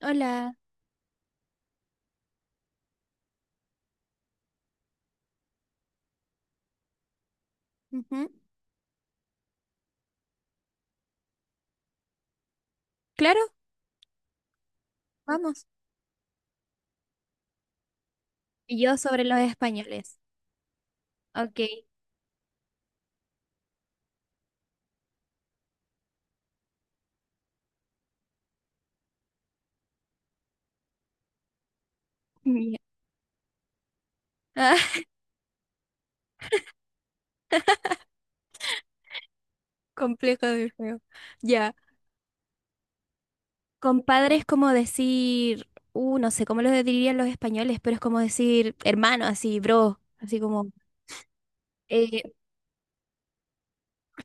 Hola. Ujú. Claro, vamos. Y yo sobre los españoles. Ok. Ya. Ah, complejo del juego. Ya. Compadre es como decir, no sé cómo lo dirían los españoles, pero es como decir hermano, así, bro, así como. eh,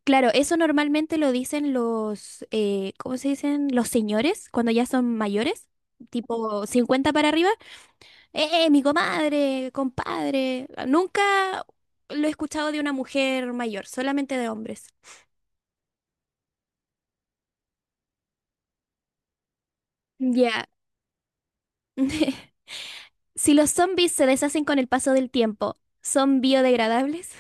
claro, eso normalmente lo dicen los, ¿cómo se dicen? Los señores, cuando ya son mayores, tipo 50 para arriba. Mi comadre, compadre. Nunca lo he escuchado de una mujer mayor, solamente de hombres. Ya. Si los zombies se deshacen con el paso del tiempo, ¿son biodegradables?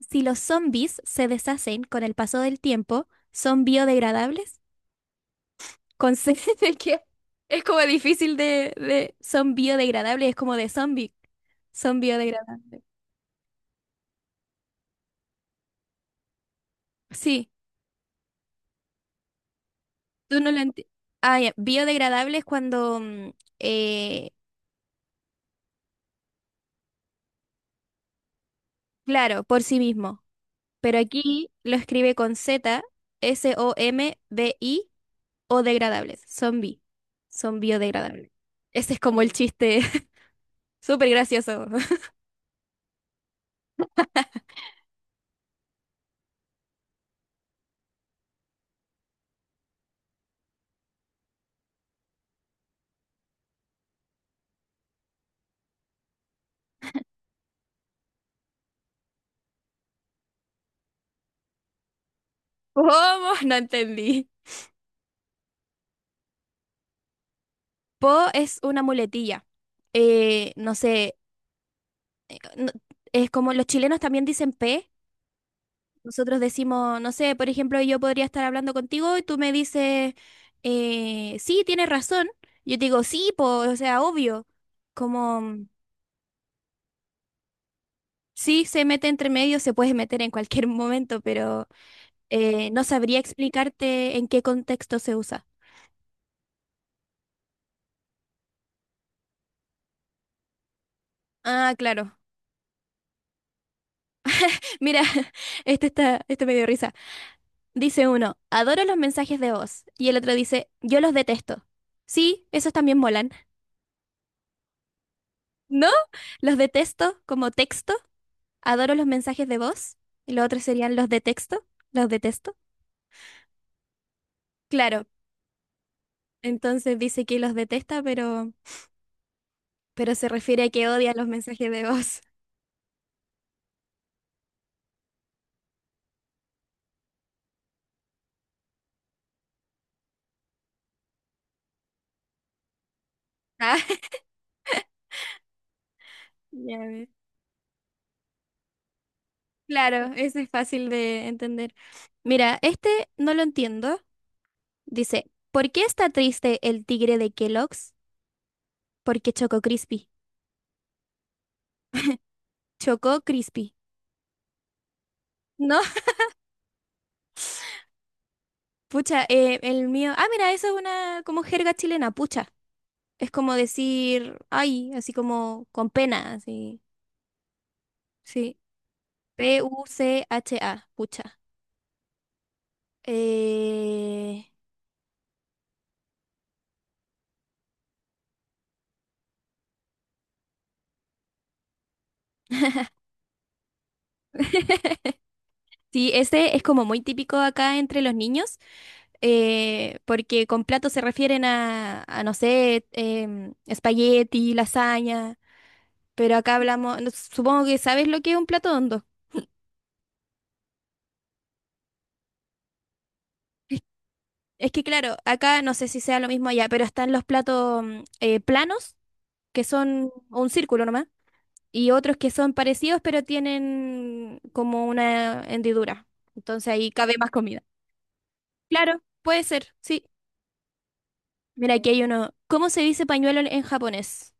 Si los zombies se deshacen con el paso del tiempo, ¿son biodegradables? Con C, de que es como difícil de. Son biodegradables, es como de zombie. Son biodegradables. Sí, tú no lo entiendes. Ah, ya, Biodegradable es cuando eh, claro, por sí mismo. Pero aquí lo escribe con Z, S-O-M-B-I o degradables. Zombie. Son biodegradables. Ese es como el chiste. Súper gracioso. ¿Cómo? No entendí. Po es una muletilla. No sé. eh, no- es como los chilenos también dicen P. Nosotros decimos, no sé, por ejemplo, yo podría estar hablando contigo y tú me dices, sí, tienes razón. Yo te digo, sí, po, o sea, obvio. Como. Sí, se mete entre medio, se puede meter en cualquier momento, pero no sabría explicarte en qué contexto se usa. Ah, claro. Mira, este me dio risa. Dice uno, adoro los mensajes de voz. Y el otro dice, yo los detesto. Sí, esos también molan. ¿No? Los detesto como texto. Adoro los mensajes de voz. Y los otros serían los de texto. Los detesto. Claro. Entonces dice que los detesta, pero se refiere a que odia los mensajes de voz. Ah, ya. Claro, ese es fácil de entender. Mira, este no lo entiendo. Dice, ¿por qué está triste el tigre de Kellogg's? Porque chocó Crispy. Chocó Crispy. No, pucha, el mío. Ah, mira, eso es una como jerga chilena, pucha. Es como decir, ay, así como con pena, así. Sí. P-U-C-H-A, pucha. Eh... Sí, ese es como muy típico acá entre los niños, porque con plato se refieren a, no sé, espagueti, lasaña, pero acá hablamos, supongo que sabes lo que es un plato hondo. Es que claro, acá no sé si sea lo mismo allá, pero están los platos planos, que son un círculo nomás, y otros que son parecidos, pero tienen como una hendidura. Entonces ahí cabe más comida. Claro, puede ser, sí. Mira, aquí hay uno. ¿Cómo se dice pañuelo en japonés?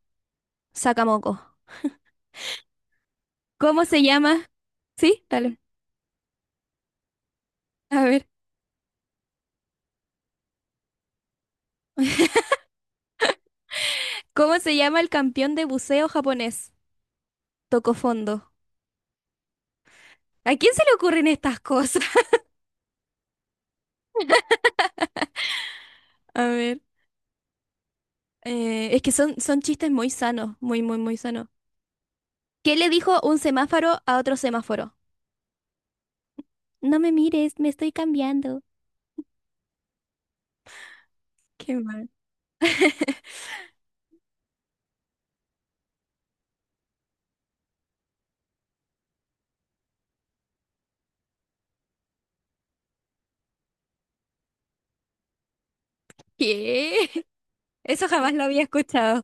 Sakamoto. ¿Cómo se llama? Sí, dale. A ver. ¿Cómo se llama el campeón de buceo japonés? Toco fondo. ¿A quién se le ocurren estas cosas? A ver. Es que son chistes muy sanos, muy, muy, muy sanos. ¿Qué le dijo un semáforo a otro semáforo? No me mires, me estoy cambiando. Qué mal. ¿Qué? Eso jamás lo había escuchado.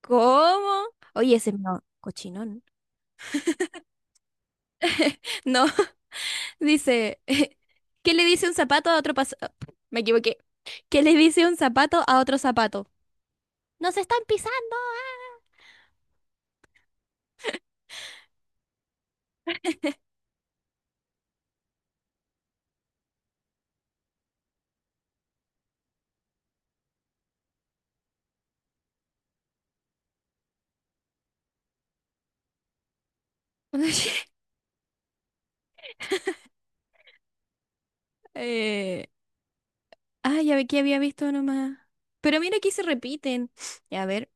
¿Cómo? Oye, ese no, cochinón. No. Dice, ¿qué le dice un zapato a otro? Me equivoqué. ¿Qué le dice un zapato a otro zapato? ¡Nos están pisando! Eh, ah, ya ve que había visto nomás. Pero mira aquí se repiten. A ver,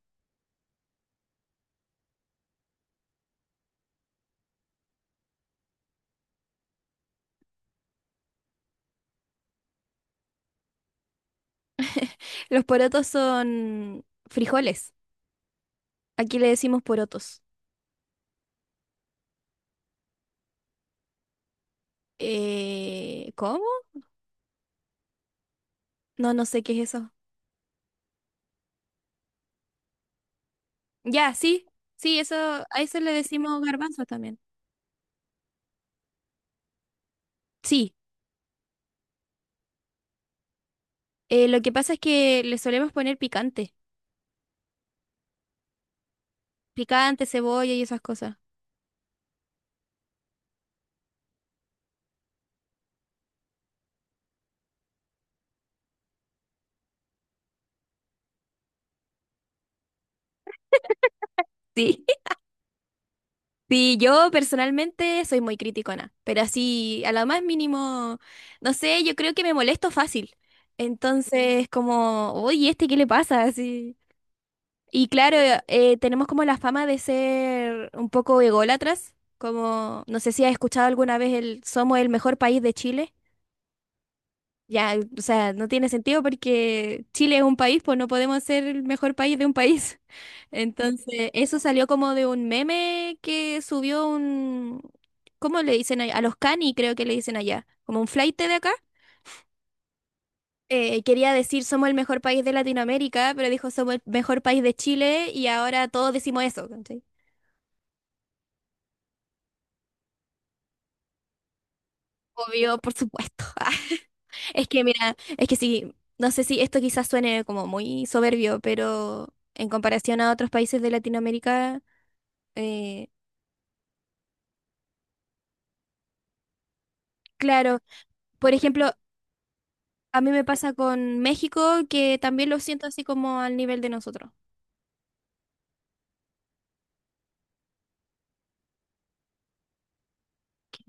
los porotos son frijoles. Aquí le decimos porotos. ¿Cómo? No, no sé qué es eso. Ya, sí, sí, eso, a eso le decimos garbanzos también. Sí, lo que pasa es que le solemos poner picante, cebolla y esas cosas. Sí, sí, yo personalmente soy muy criticona, pero así a lo más mínimo, no sé, yo creo que me molesto fácil. Entonces, como, uy, ¿este qué le pasa? Así. Y claro, tenemos como la fama de ser un poco ególatras, como, no sé si has escuchado alguna vez el somos el mejor país de Chile. Ya, o sea, no tiene sentido porque Chile es un país, pues no podemos ser el mejor país de un país. Entonces, eso salió como de un meme que subió un, ¿cómo le dicen allá? A los cani creo que le dicen allá, como un flaite de acá. Quería decir somos el mejor país de Latinoamérica, pero dijo somos el mejor país de Chile y ahora todos decimos eso, ¿cachai? Obvio, por supuesto. Es que mira, es que sí, no sé si esto quizás suene como muy soberbio, pero en comparación a otros países de Latinoamérica, eh, claro, por ejemplo, a mí me pasa con México, que también lo siento así como al nivel de nosotros. Que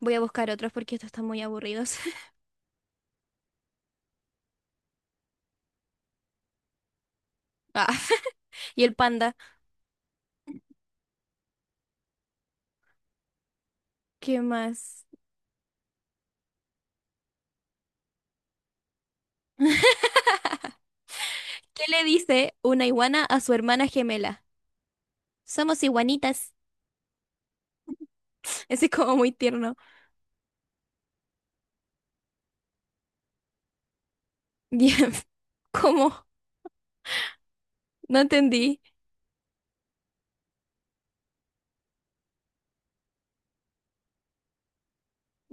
Voy a buscar otros porque estos están muy aburridos. Ah, y el panda, ¿qué más? ¿Qué le dice una iguana a su hermana gemela? Somos iguanitas. Ese es como muy tierno. Bien. ¿Cómo? No entendí.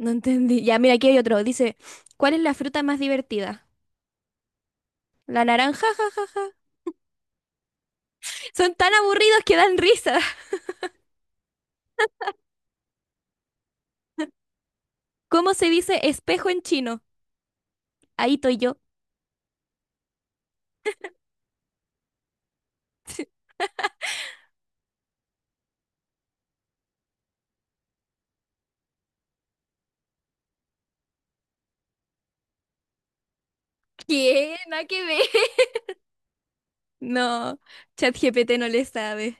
No entendí. Ya, mira, aquí hay otro. Dice, ¿cuál es la fruta más divertida? ¿La naranja? Son tan aburridos que dan risa. ¿Cómo se dice espejo en chino? Ahí estoy yo. ¿Qué? Nada que ver. No, ChatGPT no le sabe.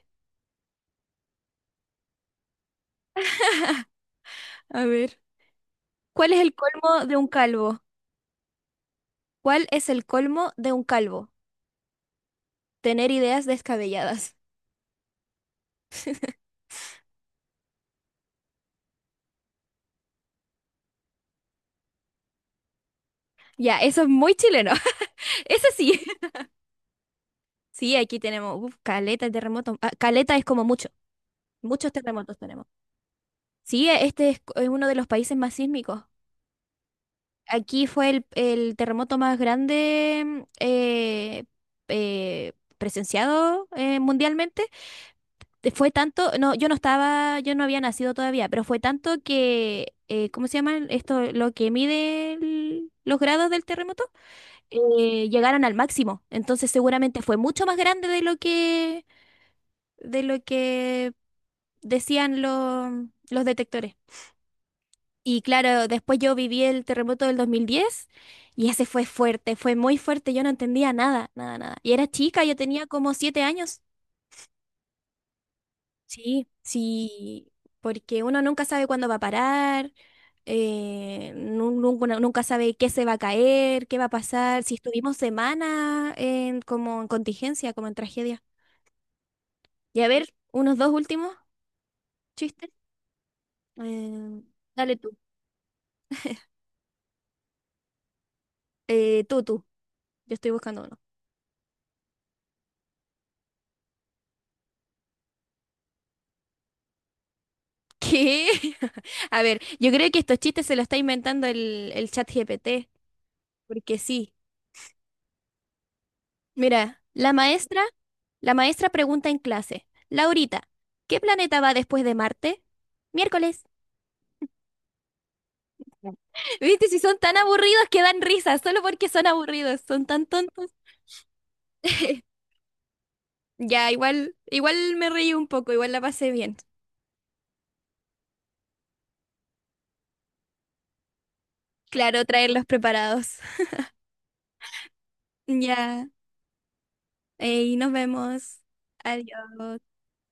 A ver. ¿Cuál es el colmo de un calvo? ¿Cuál es el colmo de un calvo? Tener ideas descabelladas. Ya, eso es muy chileno. Ese sí. Sí, aquí tenemos uf, caleta de terremotos. Ah, caleta es como mucho. Muchos terremotos tenemos. Sí, este es uno de los países más sísmicos. Aquí fue el terremoto más grande presenciado mundialmente fue tanto, no, yo no estaba, yo no había nacido todavía, pero fue tanto que, ¿cómo se llaman esto? Lo que mide los grados del terremoto, llegaron al máximo. Entonces seguramente fue mucho más grande de lo que decían los detectores. Y claro, después yo viví el terremoto del 2010 y ese fue fuerte, fue muy fuerte, yo no entendía nada, nada, nada. Y era chica, yo tenía como 7 años. Sí, sí, porque uno nunca sabe cuándo va a parar, uno nunca sabe qué se va a caer, qué va a pasar, si estuvimos semanas en, como en contingencia, como en tragedia. Y a ver, unos dos últimos chistes. Eh, dale tú. Tú, tú. Yo estoy buscando uno. ¿Qué? A ver, yo creo que estos chistes se los está inventando el chat GPT, porque sí. Mira, la maestra pregunta en clase, Laurita, ¿qué planeta va después de Marte? Miércoles. ¿Viste? Si son tan aburridos que dan risa, solo porque son aburridos, son tan tontos. Ya, igual, igual me reí un poco, igual la pasé bien. Claro, traerlos preparados. Ya, y nos vemos. Adiós.